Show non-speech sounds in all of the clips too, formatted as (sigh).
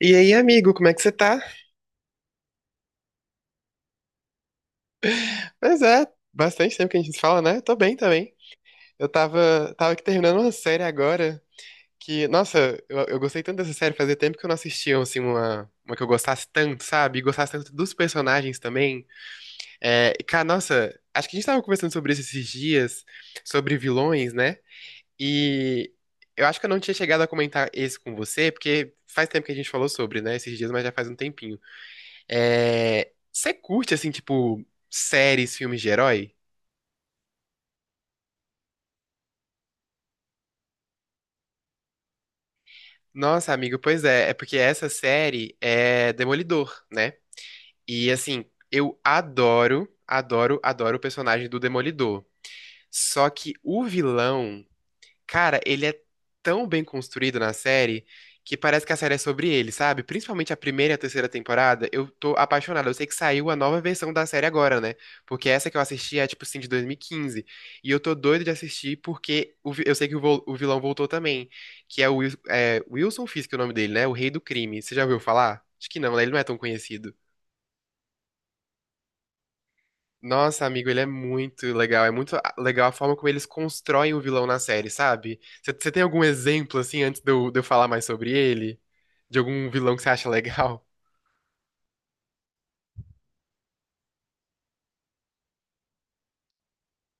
E aí, amigo, como é que você tá? Pois é, bastante tempo que a gente se fala, né? Tô bem também. Eu tava aqui terminando uma série agora que, nossa, eu gostei tanto dessa série, fazia tempo que eu não assistia, assim, uma que eu gostasse tanto, sabe? E gostasse tanto dos personagens também. É, e, cara, nossa, acho que a gente tava conversando sobre isso esses dias, sobre vilões, né? E eu acho que eu não tinha chegado a comentar esse com você, porque faz tempo que a gente falou sobre, né? Esses dias, mas já faz um tempinho. É, você curte, assim, tipo, séries, filmes de herói? Nossa, amigo, pois é. É porque essa série é Demolidor, né? E, assim, eu adoro, adoro, adoro o personagem do Demolidor. Só que o vilão, cara, ele é tão bem construído na série que parece que a série é sobre ele, sabe? Principalmente a primeira e a terceira temporada, eu tô apaixonado. Eu sei que saiu a nova versão da série agora, né? Porque essa que eu assisti é, tipo assim, de 2015. E quinze. E eu tô doido de assistir porque eu sei que o vilão voltou também, que é o é, Wilson Fisk, é o nome dele, né? O Rei do Crime. Você já ouviu falar? Acho que não, né? Ele não é tão conhecido. Nossa, amigo, ele é muito legal. É muito legal a forma como eles constroem o vilão na série, sabe? Você tem algum exemplo, assim, antes de eu falar mais sobre ele? De algum vilão que você acha legal? (laughs)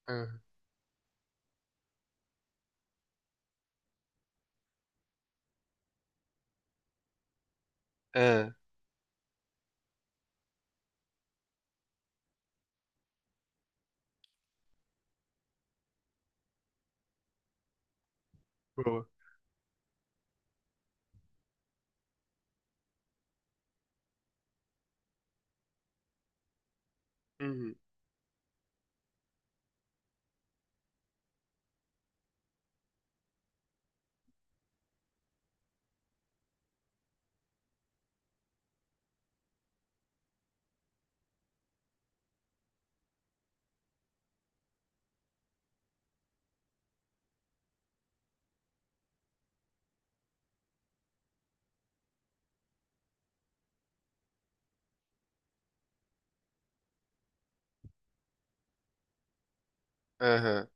Ah, ah, boa. Uhum. Aham.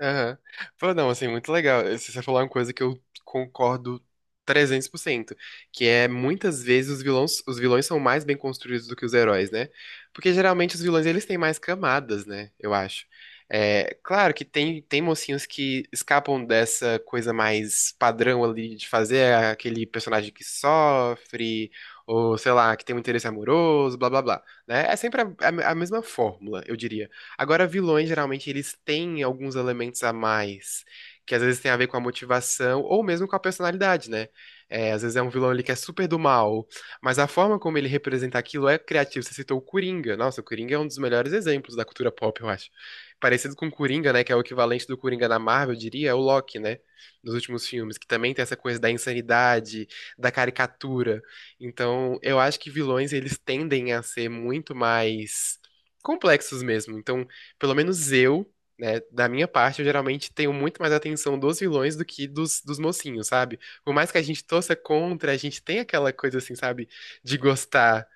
Aham. Pô, não, assim, muito legal. Você falou uma coisa que eu concordo trezentos por cento, que é muitas vezes os vilões são mais bem construídos do que os heróis, né? Porque geralmente os vilões eles têm mais camadas, né? Eu acho. É, claro que tem, tem mocinhos que escapam dessa coisa mais padrão ali de fazer aquele personagem que sofre, ou sei lá, que tem um interesse amoroso, blá blá blá, né? É sempre a, a mesma fórmula, eu diria. Agora, vilões, geralmente, eles têm alguns elementos a mais, que às vezes tem a ver com a motivação ou mesmo com a personalidade, né? É, às vezes é um vilão ali que é super do mal, mas a forma como ele representa aquilo é criativo. Você citou o Coringa. Nossa, o Coringa é um dos melhores exemplos da cultura pop, eu acho. Parecido com o Coringa, né? Que é o equivalente do Coringa na Marvel, eu diria, é o Loki, né? Dos últimos filmes, que também tem essa coisa da insanidade, da caricatura. Então, eu acho que vilões, eles tendem a ser muito mais complexos mesmo. Então, pelo menos eu, né, da minha parte, eu geralmente tenho muito mais atenção dos vilões do que dos mocinhos, sabe? Por mais que a gente torça contra, a gente tem aquela coisa assim, sabe? De gostar.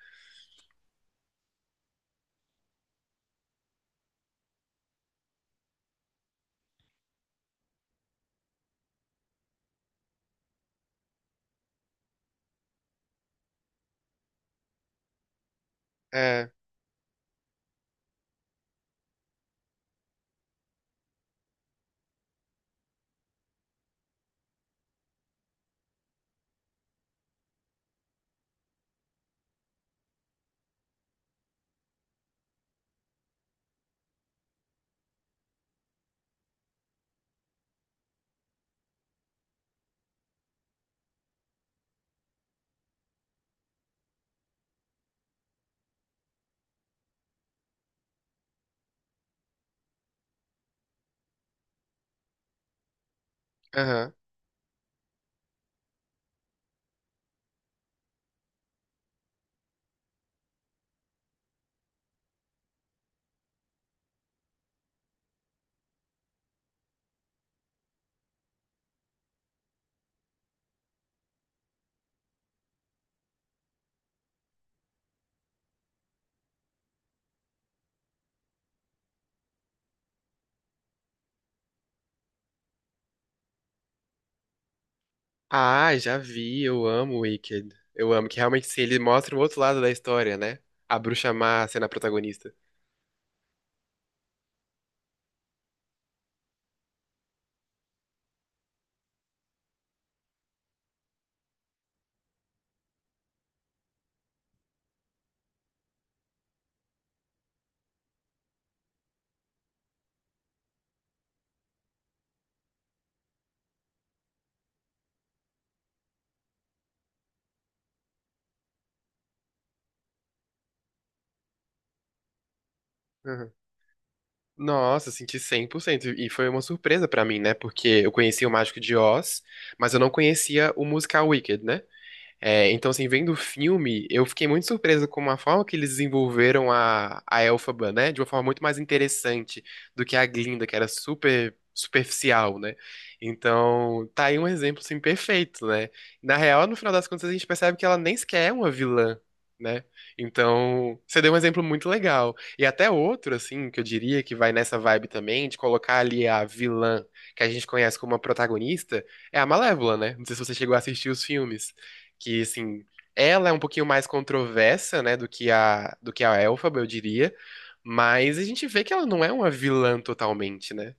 É, aham. Ah, já vi, eu amo o Wicked. Eu amo, que realmente sim, ele mostra o outro lado da história, né? A bruxa má sendo a protagonista. Aham. Nossa, eu senti cem por cento. E foi uma surpresa pra mim, né? Porque eu conhecia o Mágico de Oz, mas eu não conhecia o musical Wicked, né? É, então, assim, vendo o filme, eu fiquei muito surpreso com a forma que eles desenvolveram a Elphaba, né? De uma forma muito mais interessante do que a Glinda, que era super superficial, né? Então, tá aí um exemplo, assim, perfeito, né? Na real, no final das contas, a gente percebe que ela nem sequer é uma vilã, né? Então, você deu um exemplo muito legal. E até outro, assim, que eu diria que vai nessa vibe também, de colocar ali a vilã que a gente conhece como a protagonista, é a Malévola, né? Não sei se você chegou a assistir os filmes que, assim, ela é um pouquinho mais controversa, né, do que a Elphaba, eu diria, mas a gente vê que ela não é uma vilã totalmente, né?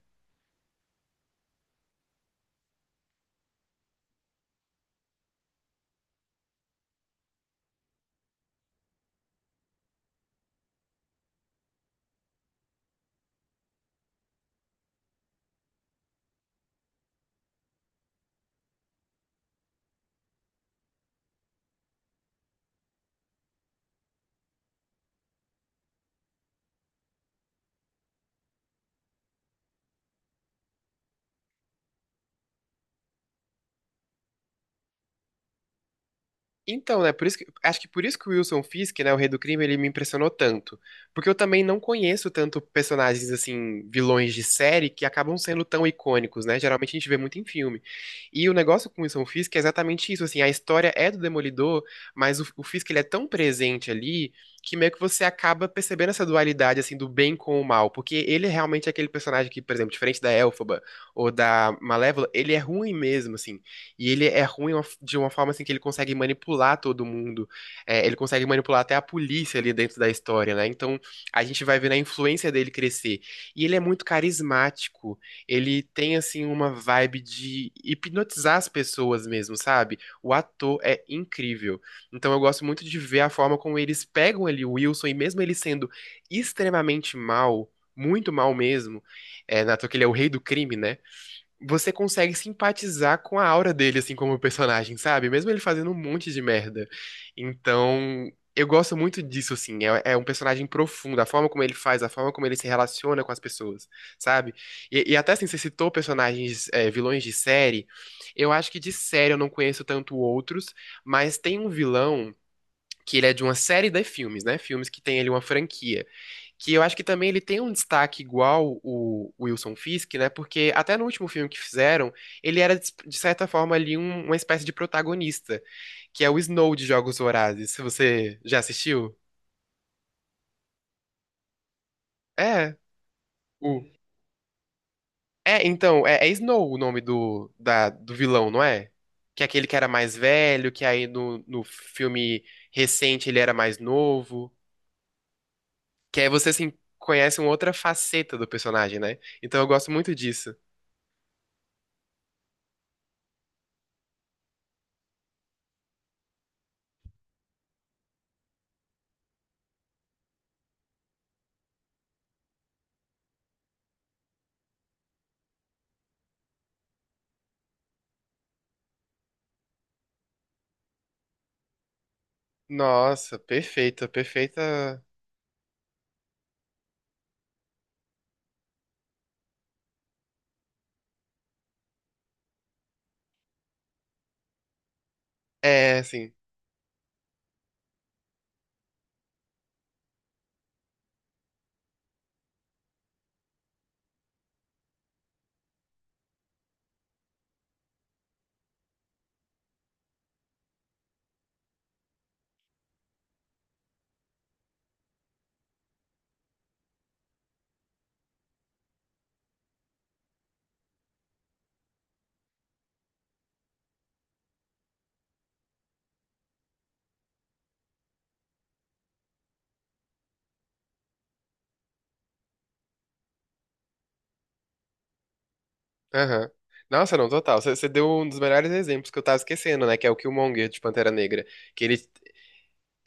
Então, né, por isso acho que por isso que o Wilson Fisk, né, o Rei do Crime, ele me impressionou tanto. Porque eu também não conheço tanto personagens, assim, vilões de série que acabam sendo tão icônicos, né? Geralmente a gente vê muito em filme. E o negócio com o Wilson Fisk é exatamente isso, assim, a história é do Demolidor, mas o Fisk, ele é tão presente ali que meio que você acaba percebendo essa dualidade, assim, do bem com o mal. Porque ele realmente é aquele personagem que, por exemplo, diferente da Elphaba ou da Malévola, ele é ruim mesmo, assim. E ele é ruim de uma forma assim que ele consegue manipular todo mundo. É, ele consegue manipular até a polícia ali dentro da história, né? Então a gente vai vendo a influência dele crescer. E ele é muito carismático. Ele tem assim uma vibe de hipnotizar as pessoas mesmo, sabe? O ator é incrível. Então eu gosto muito de ver a forma como eles pegam ali o Wilson e mesmo ele sendo extremamente mal, muito mal mesmo, é, na toa que ele é o rei do crime, né? Você consegue simpatizar com a aura dele, assim, como personagem, sabe? Mesmo ele fazendo um monte de merda. Então, eu gosto muito disso, assim. É, é um personagem profundo, a forma como ele faz, a forma como ele se relaciona com as pessoas, sabe? E até assim, você citou personagens, é, vilões de série. Eu acho que de série eu não conheço tanto outros, mas tem um vilão que ele é de uma série de filmes, né? Filmes que tem ali uma franquia. Que eu acho que também ele tem um destaque igual o Wilson Fisk, né? Porque até no último filme que fizeram, ele era, de certa forma, ali uma espécie de protagonista, que é o Snow de Jogos Vorazes. Se você já assistiu? É, o. É, então, é, é Snow o nome do vilão, não é? Que é aquele que era mais velho, que aí no filme recente ele era mais novo. Que aí você, assim, conhece uma outra faceta do personagem, né? Então eu gosto muito disso. Nossa, perfeita, perfeita. É, assim. Aham. Nossa, não, total. Você deu um dos melhores exemplos que eu tava esquecendo, né? Que é o Killmonger de Pantera Negra. Que ele,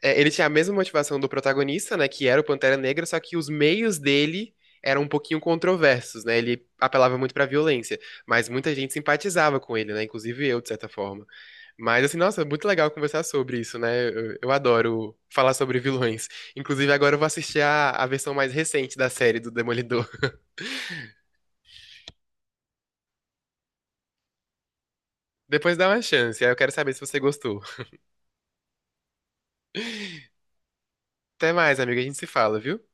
é, ele tinha a mesma motivação do protagonista, né? Que era o Pantera Negra, só que os meios dele eram um pouquinho controversos, né? Ele apelava muito pra violência. Mas muita gente simpatizava com ele, né? Inclusive eu, de certa forma. Mas assim, nossa, é muito legal conversar sobre isso, né? Eu adoro falar sobre vilões. Inclusive, agora eu vou assistir a versão mais recente da série do Demolidor. (laughs) Depois dá uma chance, aí eu quero saber se você gostou. Até mais, amiga, a gente se fala, viu?